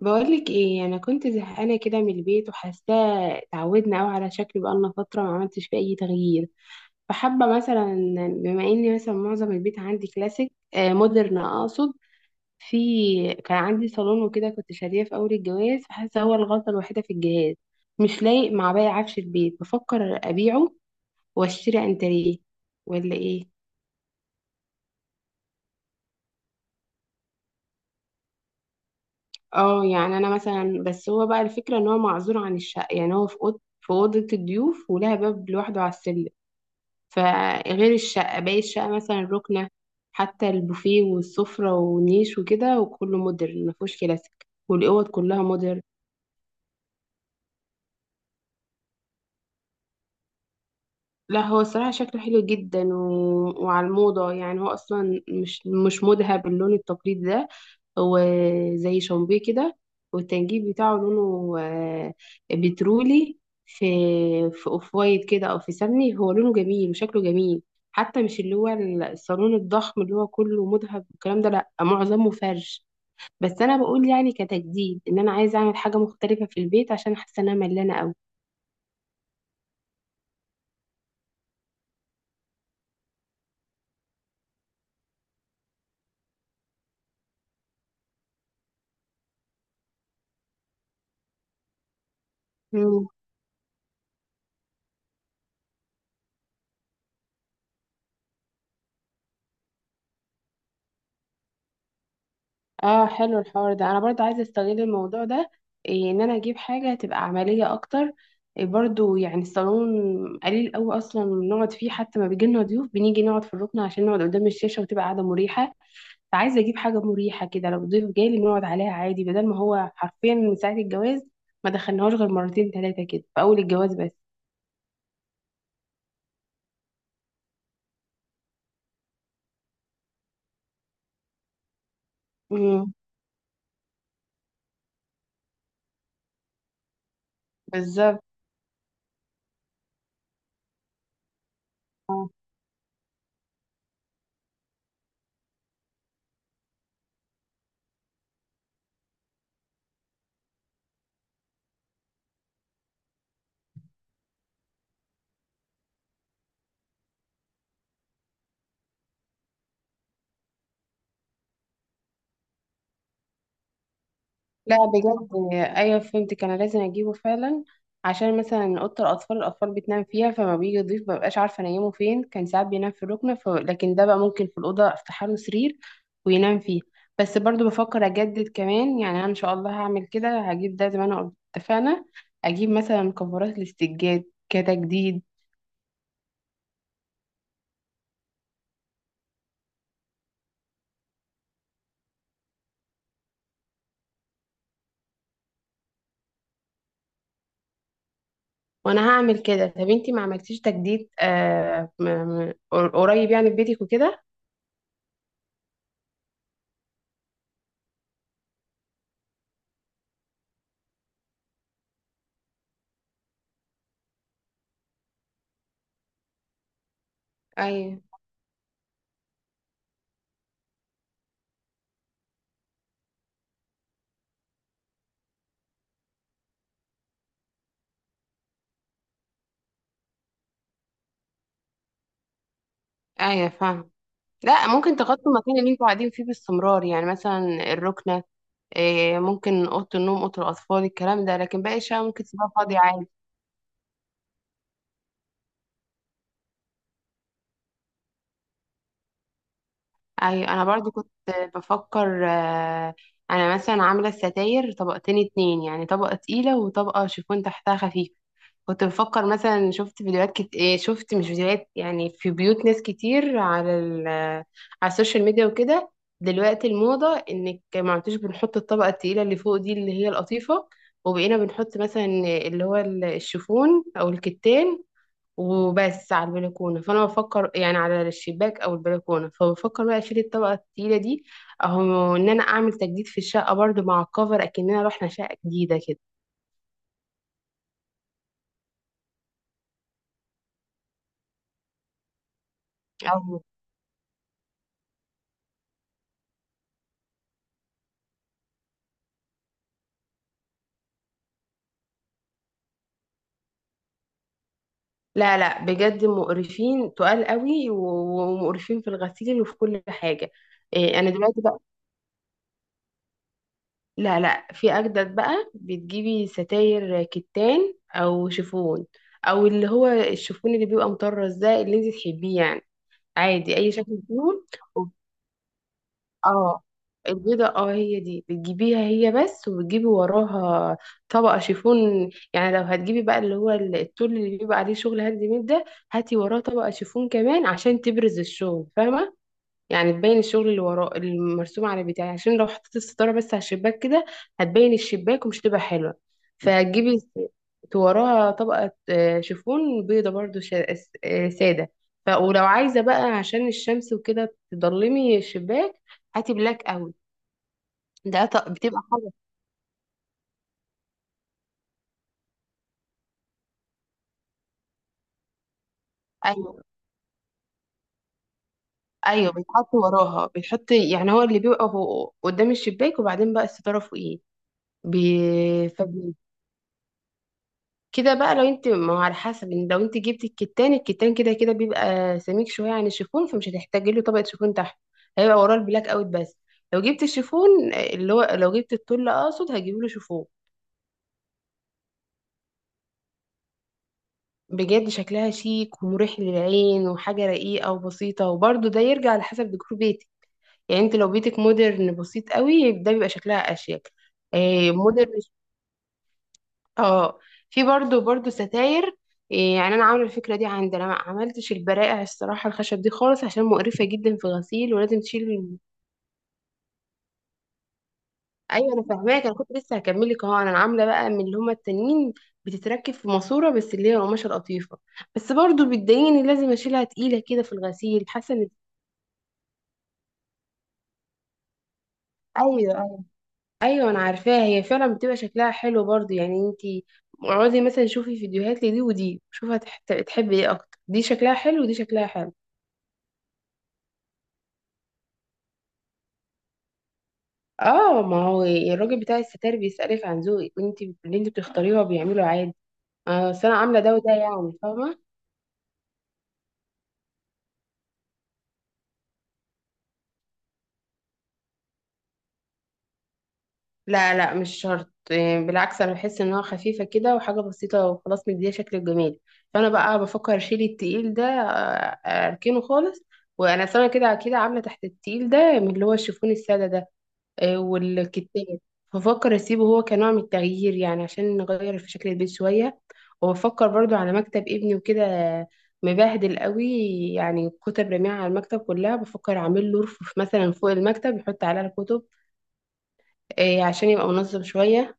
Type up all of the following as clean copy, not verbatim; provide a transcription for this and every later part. بقولك ايه، انا كنت زهقانه كده من البيت وحاساه اتعودنا قوي على شكل، بقالنا فتره ما عملتش فيه اي تغيير. فحابه مثلا بما اني مثلا معظم البيت عندي كلاسيك، مودرن اقصد. في كان عندي صالون وكده كنت شاريه في اول الجواز، فحاسه هو الغلطه الوحيده في الجهاز، مش لايق مع باقي عفش البيت. بفكر ابيعه واشتري انتريه ولا ايه. اه، يعني انا مثلا، بس هو بقى الفكره ان هو معزول عن الشقه، يعني هو في اوضه الضيوف، ولها باب لوحده على السلم. فغير الشقة، باقي الشقة مثلا الركنة حتى، البوفيه والسفرة والنيش وكده، وكله مودرن مفهوش كلاسيك. والأوض كلها مودرن. لا، هو الصراحة شكله حلو جدا و... وعلى الموضة. يعني هو أصلا مش مذهب باللون التقليدي ده. هو زي شامبيه كده، والتنجيد بتاعه لونه بترولي. في في اوف وايت كده، أو في سمني. هو لونه جميل وشكله جميل. حتى مش اللي هو الصالون الضخم اللي هو كله مذهب والكلام ده، لأ، معظمه فرش. بس أنا بقول يعني كتجديد، إن أنا عايزة أعمل حاجة مختلفة في البيت عشان حاسة إن أنا ملانة. أوي. اه، حلو الحوار ده، انا برضو عايزه استغل الموضوع ده. إيه، ان انا اجيب حاجه تبقى عمليه اكتر. إيه، برضو يعني الصالون قليل قوي اصلا نقعد فيه. حتى ما بيجي لنا ضيوف، بنيجي نقعد في الركن عشان نقعد قدام الشاشه وتبقى قاعده مريحه. فعايزه اجيب حاجه مريحه كده، لو ضيف جالي نقعد عليها عادي، بدل ما هو حرفيا من ساعه الجواز ما دخلناهوش غير مرتين ثلاثه كده في اول الجواز بس. امم. بالظبط. لا بجد، ايوه فهمتك، انا لازم اجيبه فعلا. عشان مثلا اوضه الاطفال بتنام فيها، فما بيجي يضيف مبقاش عارفه انيمه فين. كان ساعات بينام في الركنه لكن ده بقى ممكن في الاوضه افتح له سرير وينام فيه. بس برضو بفكر اجدد كمان، يعني انا ان شاء الله هعمل كده، هجيب ده زي ما انا قلت اتفقنا. اجيب مثلا كفرات للسجاد كتجديد. وانا هعمل كده. طب انتي ما عملتيش تجديد قريب يعني، في بيتك وكده؟ ايوه، ايوه، فاهمه. لا، ممكن تغطوا المكان اللي انتوا قاعدين فيه باستمرار، يعني مثلا الركنة، إيه، ممكن أوضة النوم، أوضة الأطفال، الكلام ده، لكن باقي الشقة ممكن تسيبها فاضية عادي. أيوة، أنا برضو كنت بفكر، أنا مثلا عاملة الستاير طبقتين اتنين، يعني طبقة تقيلة وطبقة شيفون تحتها خفيف. كنت بفكر مثلا شفت فيديوهات إيه، شفت مش فيديوهات، يعني في بيوت ناس كتير على السوشيال ميديا وكده. دلوقتي الموضة انك ما عدتش بنحط الطبقة التقيلة اللي فوق دي، اللي هي القطيفة. وبقينا بنحط مثلا اللي هو الشيفون او الكتان وبس على البلكونة. فانا بفكر يعني على الشباك او البلكونة، فبفكر بقى اشيل الطبقة التقيلة دي اهو، ان انا اعمل تجديد في الشقة برضو مع الكفر، اكننا رحنا شقة جديدة كده. لا، لا بجد، مقرفين تقال قوي و- ومقرفين في الغسيل وفي كل حاجة. إيه، أنا دلوقتي بقى، لا، لا، في أجدد بقى. بتجيبي ستاير كتان أو شيفون، أو اللي هو الشيفون اللي بيبقى مطرز ده، اللي انت تحبيه يعني. عادي، أي شكل فيهم. اه، البيضة اه، هي دي بتجيبيها هي بس، وبتجيبي وراها طبقة شيفون. يعني لو هتجيبي بقى اللي هو التول اللي بيبقى عليه شغل هاند ميد ده، هاتي وراه طبقة شيفون كمان عشان تبرز الشغل، فاهمة؟ يعني تبين الشغل اللي وراه المرسوم على بتاعي. عشان لو حطيت الستارة بس على الشباك كده هتبين الشباك ومش تبقى حلوة. فهتجيبي وراها طبقة شيفون بيضة برضو سادة. ولو عايزة بقى عشان الشمس وكده تضلمي الشباك، هاتي بلاك قوي. ده بتبقى حاجة. ايوه، ايوه، بيتحط وراها بيتحط، يعني هو اللي بيبقى قدام الشباك، وبعدين بقى الستارة فوقيه. بي... كده بقى، لو انت، ما هو على حسب، ان لو انت جبتي الكتان، كده كده بيبقى سميك شويه عن الشيفون، فمش هتحتاجي له طبقه شيفون تحت. هيبقى وراه البلاك اوت بس. لو جبت الشيفون، اللي هو لو جبت التل اقصد، هجيب له شيفون. بجد شكلها شيك ومريح للعين، وحاجه رقيقه وبسيطه. وبرده ده يرجع على حسب ديكور بيتك. يعني انت لو بيتك مودرن بسيط قوي، ده بيبقى شكلها اشيك. مودرن. اه. في برضو برضو ستاير. إيه، يعني انا عامله الفكره دي عندي. انا ما عملتش البرائع الصراحه الخشب دي خالص، عشان مقرفه جدا في غسيل ولازم تشيل. ايوه، انا فاهماك، انا كنت لسه هكمل لك اهو. انا عامله بقى من اللي هما التانيين، بتتركب في ماسوره بس، اللي هي القماشه القطيفه. بس برضو بتضايقني، لازم اشيلها تقيله كده في الغسيل، حاسه ان. ايوه، ايوه، ايوه، انا عارفاها. هي فعلا بتبقى شكلها حلو برضو. يعني انتي اقعدي مثلا شوفي فيديوهات لدي ودي، شوفي هتحبي ايه اكتر، دي شكلها حلو ودي شكلها حلو. اه، ما هو الراجل بتاع الستاير بيسألك عن ذوقك، وانت اللي انت بتختاريه هو بيعمله عادي. بس انا عامله ده وده، يعني فاهمه. لا، لا، مش شرط. إيه، بالعكس، انا بحس انها خفيفه كده وحاجه بسيطه وخلاص، مديها شكل جميل. فانا بقى بفكر اشيل التقيل ده، اركنه خالص. وانا سنه كده كده عامله تحت التقيل ده من اللي هو الشيفون الساده ده، والكتاب. ففكر اسيبه هو كنوع من التغيير، يعني عشان نغير في شكل البيت شويه. وبفكر برضو على مكتب ابني وكده، مبهدل قوي. يعني كتب رميعة على المكتب كلها. بفكر اعمل له رف مثلا فوق المكتب يحط عليها الكتب، عشان يبقى منظم شويه.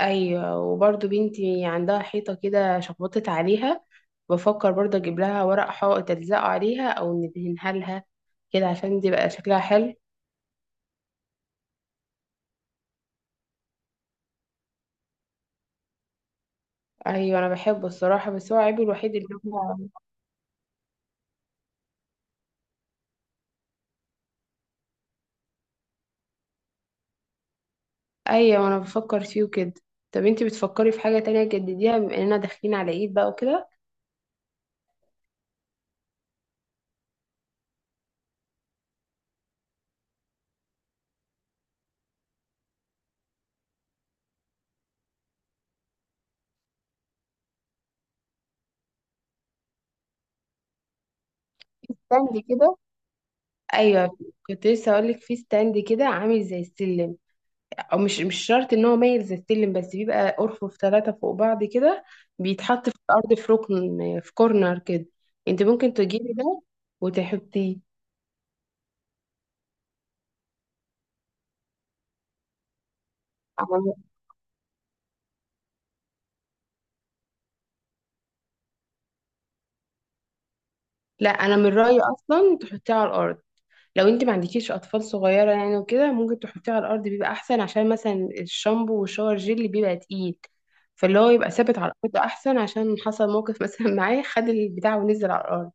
ايوه. وبرضو بنتي عندها حيطه كده شخبطت عليها. بفكر برضو اجيب لها ورق حائط الزقه عليها او ندهنها لها، كده عشان تبقى شكلها حلو. ايوه، انا بحبه الصراحه، بس هو عيبه الوحيد ان هو. ايوه، انا بفكر فيه وكده. طب انتي بتفكري في حاجة تانية تجدديها، بما اننا داخلين على عيد بقى وكده؟ في ستاند كده؟ ايوه، كنت لسه اقول لك في ستاند كده عامل زي السلم، او مش شرط ان هو مايل زي السلم، بس بيبقى ارفف ثلاثة فوق بعض كده. بيتحط في الارض في ركن، في كورنر كده. انت ممكن تجيبي ده وتحطيه. أنا- لا، انا من رأيي اصلا تحطيه على الارض. لو انت ما عندكيش اطفال صغيره يعني وكده، ممكن تحطيه على الارض، بيبقى احسن. عشان مثلا الشامبو والشاور جيل بيبقى تقيل، فاللي هو يبقى ثابت على الارض احسن، عشان حصل موقف مثلا معاه، خد البتاع ونزل على الارض.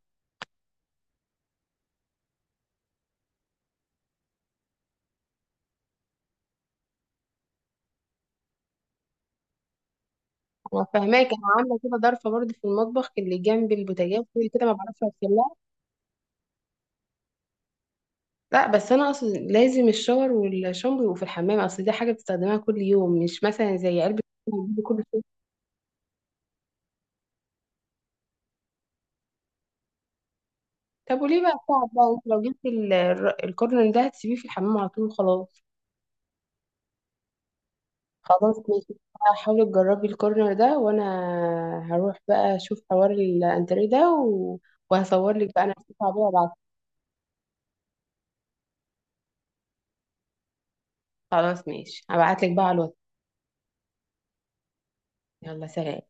انا فاهماك، انا عامله كده ضرفه برضه في المطبخ اللي جنب البوتاجاز، كل كده ما بعرفش اغسلها. لا، بس انا اقصد لازم الشاور والشامبو يبقوا في الحمام، اصل دي حاجه بتستخدمها كل يوم، مش مثلا زي علبه بتجيبي كل شويه. طب وليه بقى صعب، بقى انت لو جبت الكورن ده هتسيبيه في الحمام على طول خلاص. خلاص، ماشي، حاولي تجربي الكورنر ده، وانا هروح بقى اشوف حوار الانتريه ده. وهصور لك بقى، انا هشوف عليه وابعت. خلاص، ماشي، هبعت لك بقى على الواتس. يلا سلام.